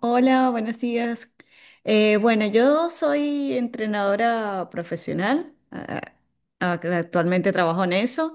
Hola, buenos días. Bueno, yo soy entrenadora profesional. Actualmente trabajo en eso.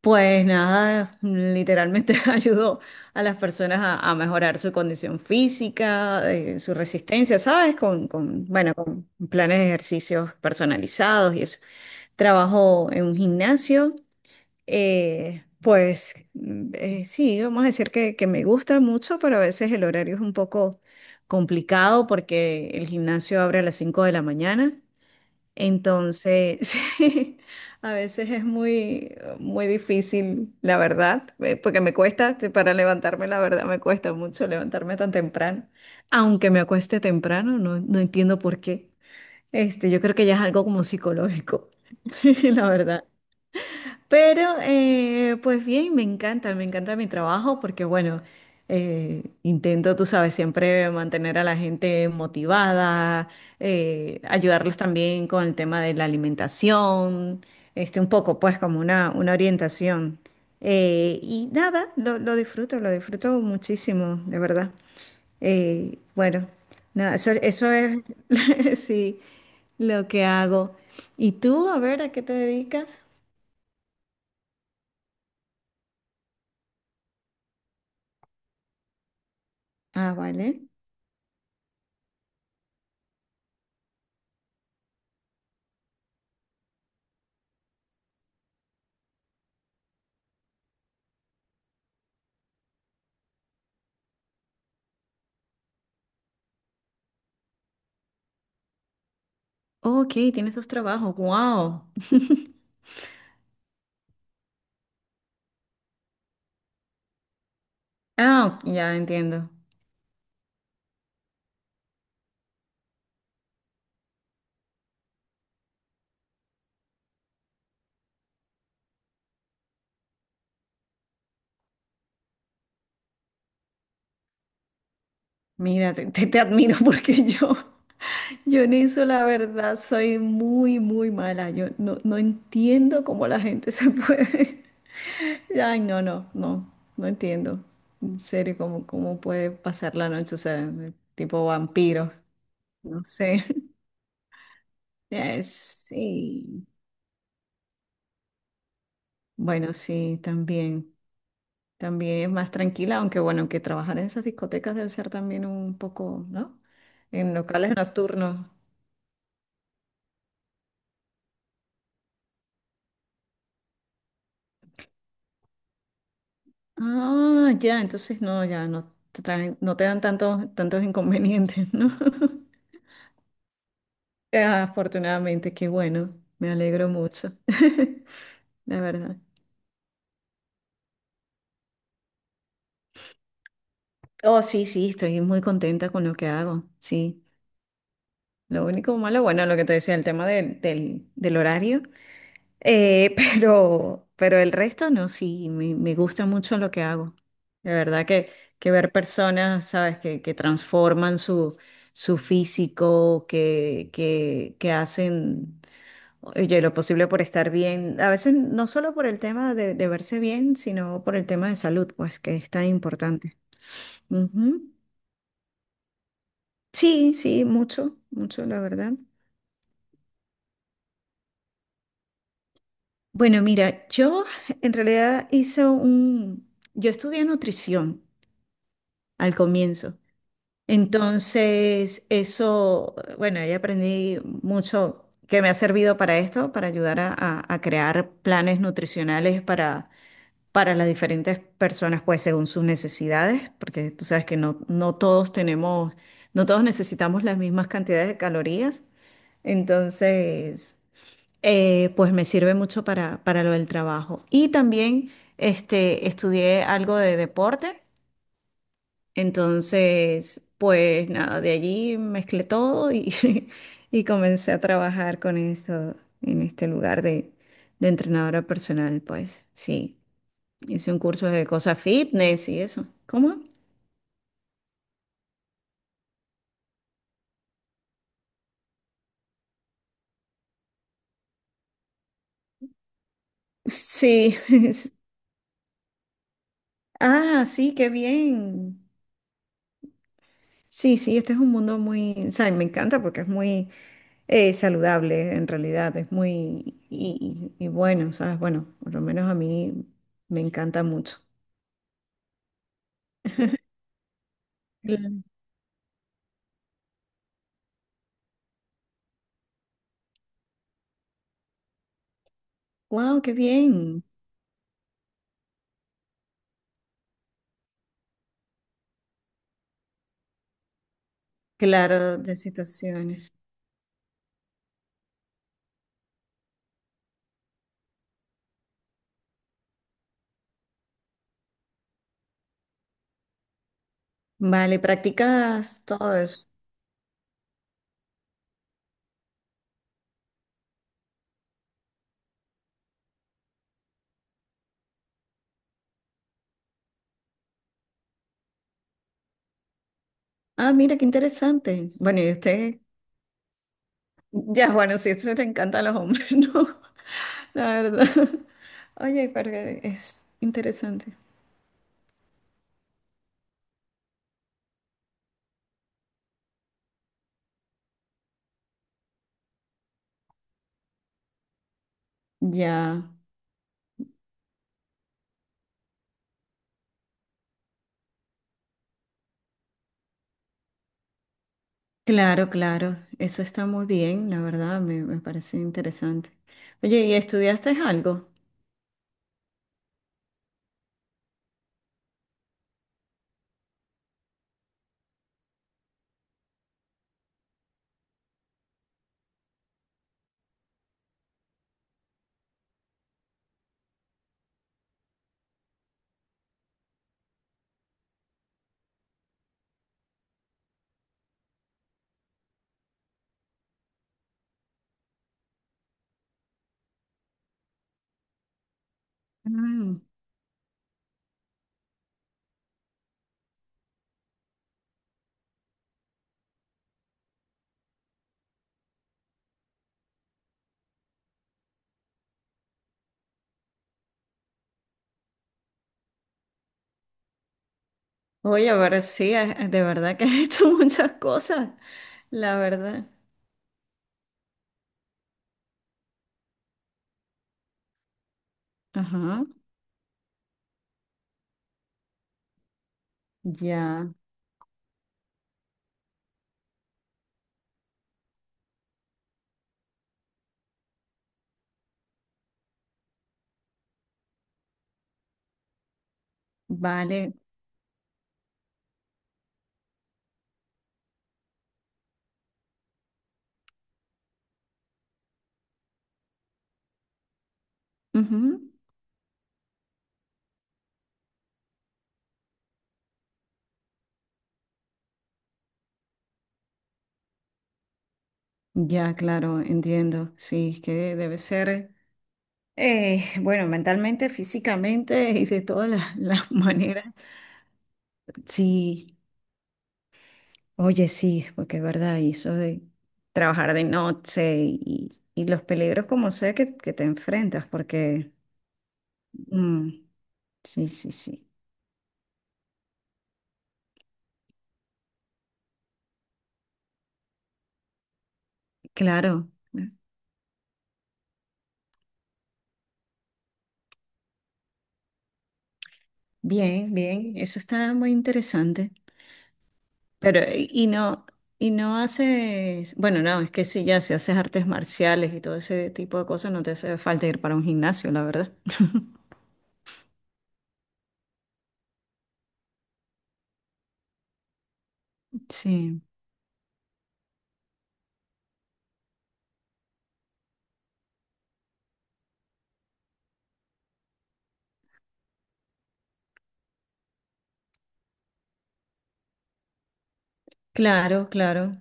Pues nada, literalmente ayudo a las personas a mejorar su condición física, su resistencia, ¿sabes? Bueno, con planes de ejercicios personalizados y eso. Trabajo en un gimnasio. Sí, vamos a decir que me gusta mucho, pero a veces el horario es un poco complicado porque el gimnasio abre a las 5 de la mañana. Entonces, sí, a veces es muy, muy difícil, la verdad, porque me cuesta, para levantarme, la verdad, me cuesta mucho levantarme tan temprano. Aunque me acueste temprano, no entiendo por qué. Este, yo creo que ya es algo como psicológico, la verdad. Pero pues bien, me encanta mi trabajo porque bueno, intento, tú sabes, siempre mantener a la gente motivada, ayudarlos también con el tema de la alimentación, este, un poco pues como una orientación. Y nada, lo disfruto muchísimo, de verdad. Eh, bueno, nada, eso es, sí, lo que hago. ¿Y tú, a ver, a qué te dedicas? Ah, vale. Oh, ok, tienes dos trabajos. Wow. Ah, ok, ya entiendo. Mira, te admiro porque yo en eso la verdad soy muy, muy mala. Yo no entiendo cómo la gente se puede. Ay, no, no, no, no entiendo. En serio, cómo, cómo puede pasar la noche, o sea, tipo vampiro. No sé. Sí. Bueno, sí, también. También es más tranquila, aunque bueno, aunque trabajar en esas discotecas debe ser también un poco, ¿no? En locales nocturnos. Ah, ya, entonces no, ya no te traen, no te dan tantos, tantos inconvenientes, ¿no? Afortunadamente, qué bueno, me alegro mucho, la verdad. Oh, sí, sí, estoy muy contenta con lo que hago, sí. Lo único malo, bueno, lo que te decía, el tema del horario. Pero el resto no, sí, me gusta mucho lo que hago. De verdad que ver personas, ¿sabes? Que transforman su, su físico, que hacen, oye, lo posible por estar bien. A veces no solo por el tema de verse bien, sino por el tema de salud, pues que es tan importante. Ujú. Sí, sí, mucho, mucho, la verdad. Bueno, mira, yo en realidad yo estudié nutrición al comienzo. Entonces, eso, bueno, ahí aprendí mucho que me ha servido para esto, para ayudar a crear planes nutricionales para las diferentes personas, pues según sus necesidades, porque tú sabes que no todos tenemos, no todos necesitamos las mismas cantidades de calorías. Entonces, pues me sirve mucho para lo del trabajo. Y también este, estudié algo de deporte, entonces, pues nada, de allí mezclé todo y y comencé a trabajar con esto en este lugar de entrenadora personal, pues sí. Hice un curso de cosas fitness y eso. ¿Cómo? Sí. Ah, sí, qué bien. Sí, sí, este es un mundo muy, o sea, me encanta porque es muy saludable en realidad, es muy, y bueno, ¿sabes? Bueno, por lo menos a mí me encanta mucho. Wow, qué bien. Claro, de situaciones. Vale, practicas todo eso. Ah, mira, qué interesante. Bueno, y usted, ya, bueno, sí, eso te encanta a los hombres, ¿no? La verdad. Oye, pero es interesante. Ya, claro, claro. Eso está muy bien, la verdad, me parece interesante. Oye, ¿y estudiaste algo? Mm. Oye, pero sí, de verdad que has hecho muchas cosas, la verdad. Ajá, ya. Vale. Ujú. Ya, claro, entiendo. Sí, es que debe ser, bueno, mentalmente, físicamente y de todas las, las maneras. Sí, oye, sí, porque es verdad, y eso de trabajar de noche y los peligros como sea que te enfrentas, porque... mm, sí, sí, sí. Claro. Bien, bien, eso está muy interesante. Pero, y no haces, bueno, no, es que sí, ya si haces artes marciales y todo ese tipo de cosas, no te hace falta ir para un gimnasio, la verdad. Sí, claro, claro.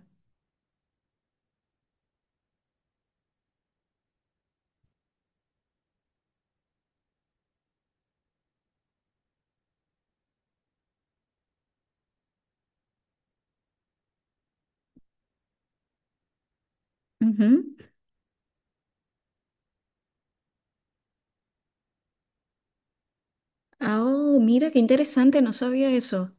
Ujú. Ah, oh, mira, qué interesante, no sabía eso.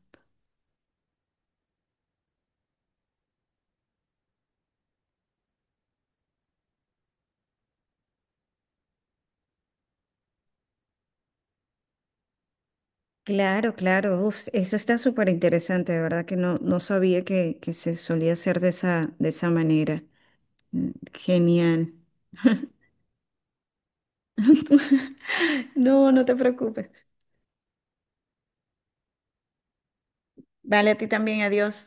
Claro, claro, uf, eso está súper interesante, de verdad que no, no sabía que se solía hacer de esa manera. Mm, genial. No, no te preocupes. Vale, a ti también, adiós.